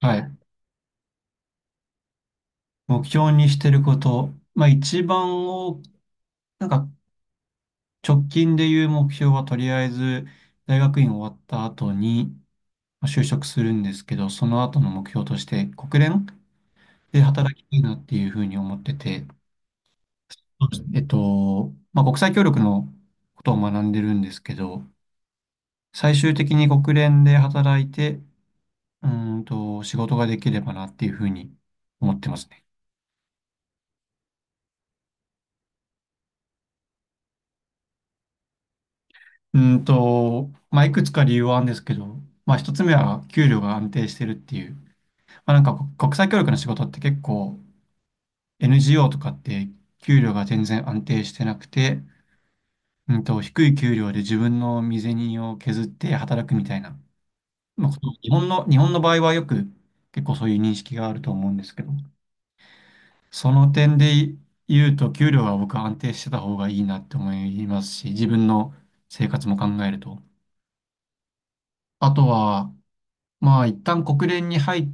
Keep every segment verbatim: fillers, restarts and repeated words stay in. はい。目標にしてること。まあ一番を、なんか直近でいう目標はとりあえず大学院終わった後にまあ就職するんですけど、その後の目標として国連で働きたいなっていうふうに思ってて、そうですねえっと、まあ国際協力のことを学んでるんですけど、最終的に国連で働いて、うーんと仕事ができればなっていうふうに思ってますね。うんと、まあ、いくつか理由はあるんですけど、まあ、一つ目は給料が安定してるっていう。まあ、なんかこ国際協力の仕事って結構 エヌジーオー とかって給料が全然安定してなくて、うんと、低い給料で自分の身銭を削って働くみたいな、まあ、こと日本の、日本の場合はよく結構そういう認識があると思うんですけど、その点で言うと給料が僕は安定してた方がいいなって思いますし、自分の生活も考えると。あとは、まあ、一旦国連に入っ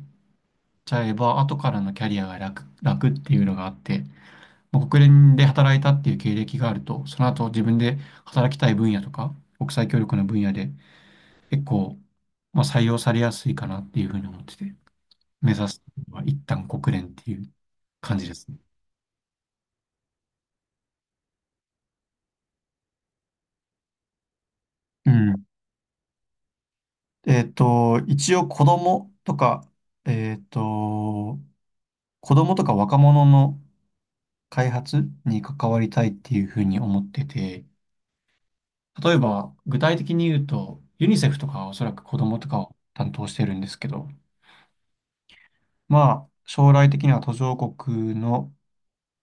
ちゃえば、後からのキャリアが楽、楽っていうのがあって、まあ、国連で働いたっていう経歴があると、その後自分で働きたい分野とか、国際協力の分野で結構、まあ、採用されやすいかなっていうふうに思ってて、目指すのは一旦国連っていう感じですね。うん。えっと、一応子供とか、えっと、子供とか若者の開発に関わりたいっていうふうに思ってて、例えば、具体的に言うと、ユニセフとかはおそらく子供とかを担当してるんですけど、まあ、将来的には途上国の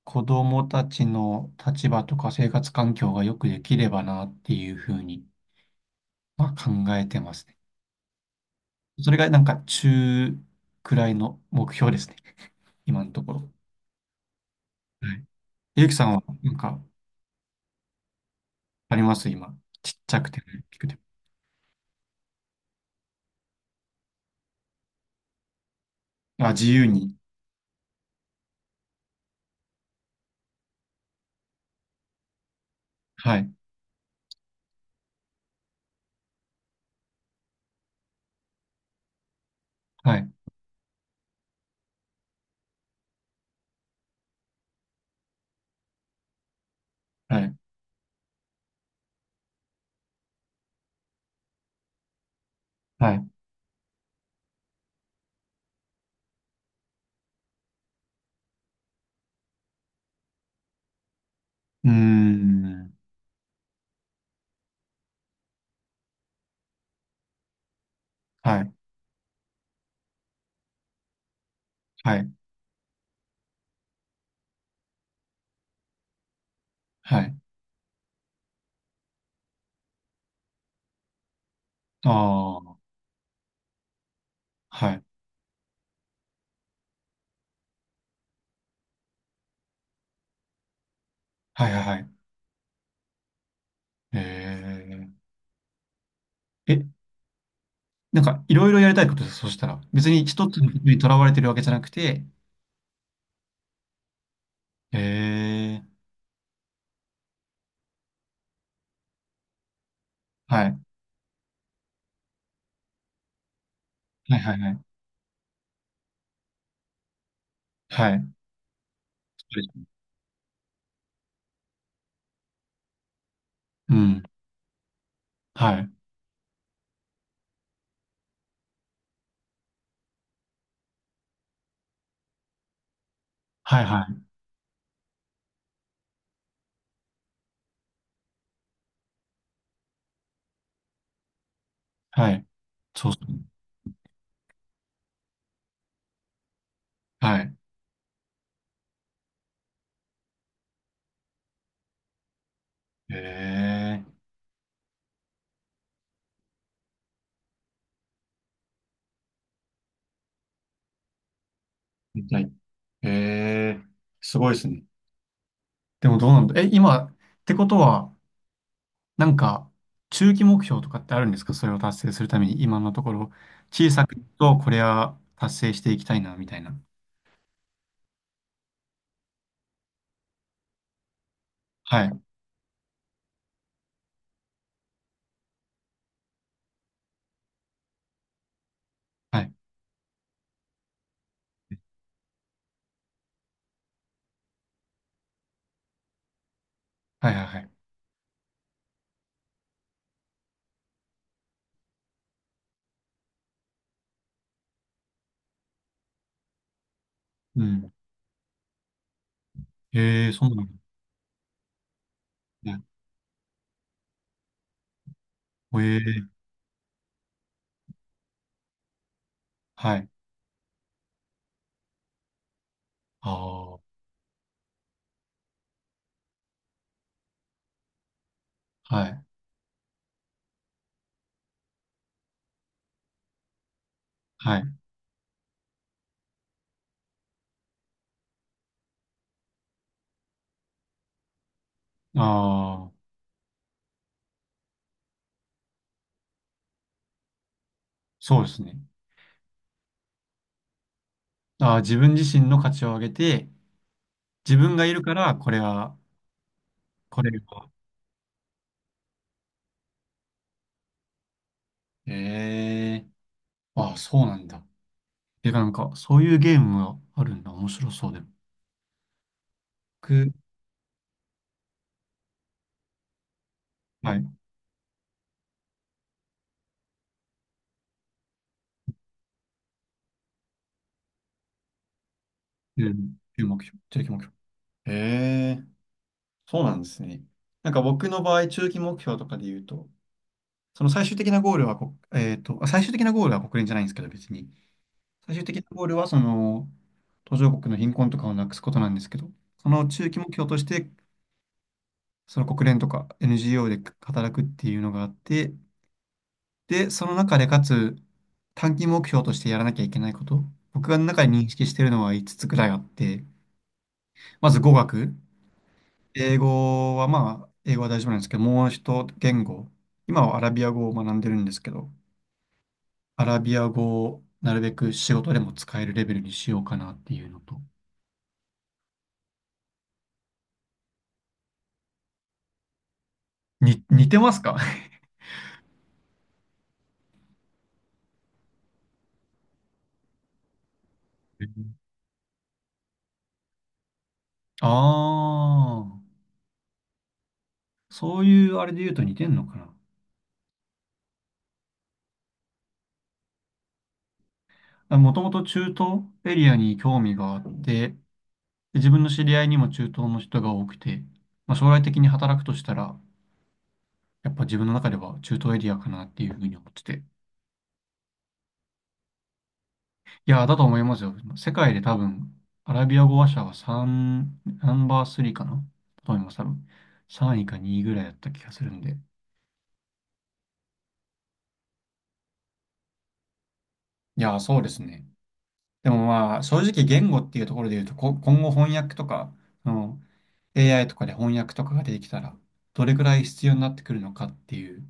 子供たちの立場とか生活環境がよくできればなっていうふうに、まあ、考えてますね。それがなんか中くらいの目標ですね。今のところ。はい。ゆうきさんはなんかあります今。ちっちゃくても大きくても。あ、自由に。はい。はい。はい。はい。うーん。はい。はい。はい。ああ、はい。はいはいはい。えー、え、なんかいろいろやりたいことです、そしたら。別に一つのことにとらわれてるわけじゃなくて、えー、はい。はいはいはい。はい。うすん。はい。はいはい。はい。そうっすねはい。えー、みたい。えー、すごいですね。でもどうなんだ。え、今、ってことは、なんか、中期目標とかってあるんですか、それを達成するために、今のところ、小さく言うとこれは達成していきたいな、みたいな。はい、はい、はい、はい、はい。うん。ええ、そうなんだ。ねええ、はい。ああ、はい、はい。ああ、そうですね。ああ、自分自身の価値を上げて、自分がいるから、これは、これは。ええ、ああ、そうなんだ。てか、なんか、そういうゲームがあるんだ。面白そうで。僕、はい。うん、中期目標、中期目標。へえ、そうなんですね。なんか僕の場合、中期目標とかで言うと、その最終的なゴールはこ、えっと、あ最終的なゴールは国連じゃないんですけど、別に。最終的なゴールは、その、途上国の貧困とかをなくすことなんですけど、その中期目標として、その国連とか エヌジーオー で働くっていうのがあって、で、その中でかつ、短期目標としてやらなきゃいけないこと、僕が中で認識してるのはいつつつくらいあって、まず語学。英語はまあ、英語は大丈夫なんですけど、もう一言語、今はアラビア語を学んでるんですけど、アラビア語をなるべく仕事でも使えるレベルにしようかなっていうのと。に、似てますか？ ああー、そういうあれで言うと似てんのかな。もともと中東エリアに興味があって、で自分の知り合いにも中東の人が多くて、まあ、将来的に働くとしたら、やっぱ自分の中では中東エリアかなっていうふうに思ってて。いや、だと思いますよ。世界で多分、アラビア語話者はさん、ナンバースリーかな、だと思います、多分。さんいかにいぐらいだった気がするんで。いや、そうですね。でもまあ、正直言語っていうところで言うと、こ、今後翻訳とか、その エーアイ とかで翻訳とかが出てきたら、どれくらい必要になってくるのかっていう、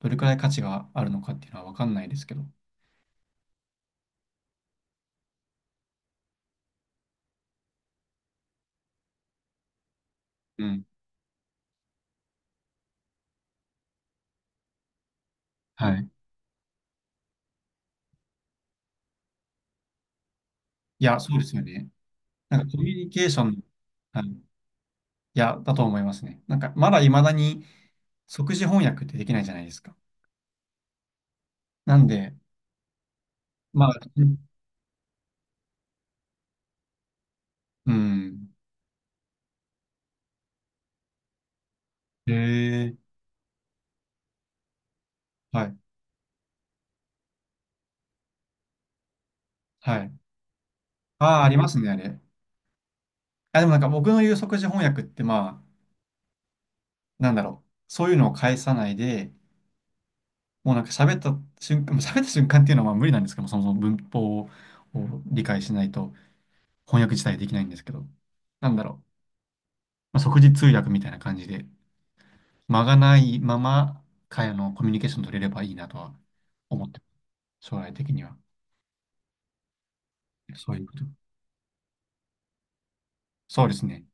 どれくらい価値があるのかっていうのはわかんないですけど。うん。はい。いや、そうですよね。なんかコミュニケーション、はい、いや、だと思いますね。なんか、まだ未だに即時翻訳ってできないじゃないですか。なんで、まあ、うん。へえ、はい、はい。ああ、ありますね、あれ。あ、でもなんか僕の言う即時翻訳って、まあ、なんだろう。そういうのを返さないで、もうなんか喋った瞬間、喋った瞬間っていうのはまあ無理なんですけども、そもそも文法を理解しないと翻訳自体できないんですけど、なんだろう。まあ、即時通訳みたいな感じで。間がないまま、会話のコミュニケーション取れればいいなとは思ってます、将来的には。そういうこと。そうですね。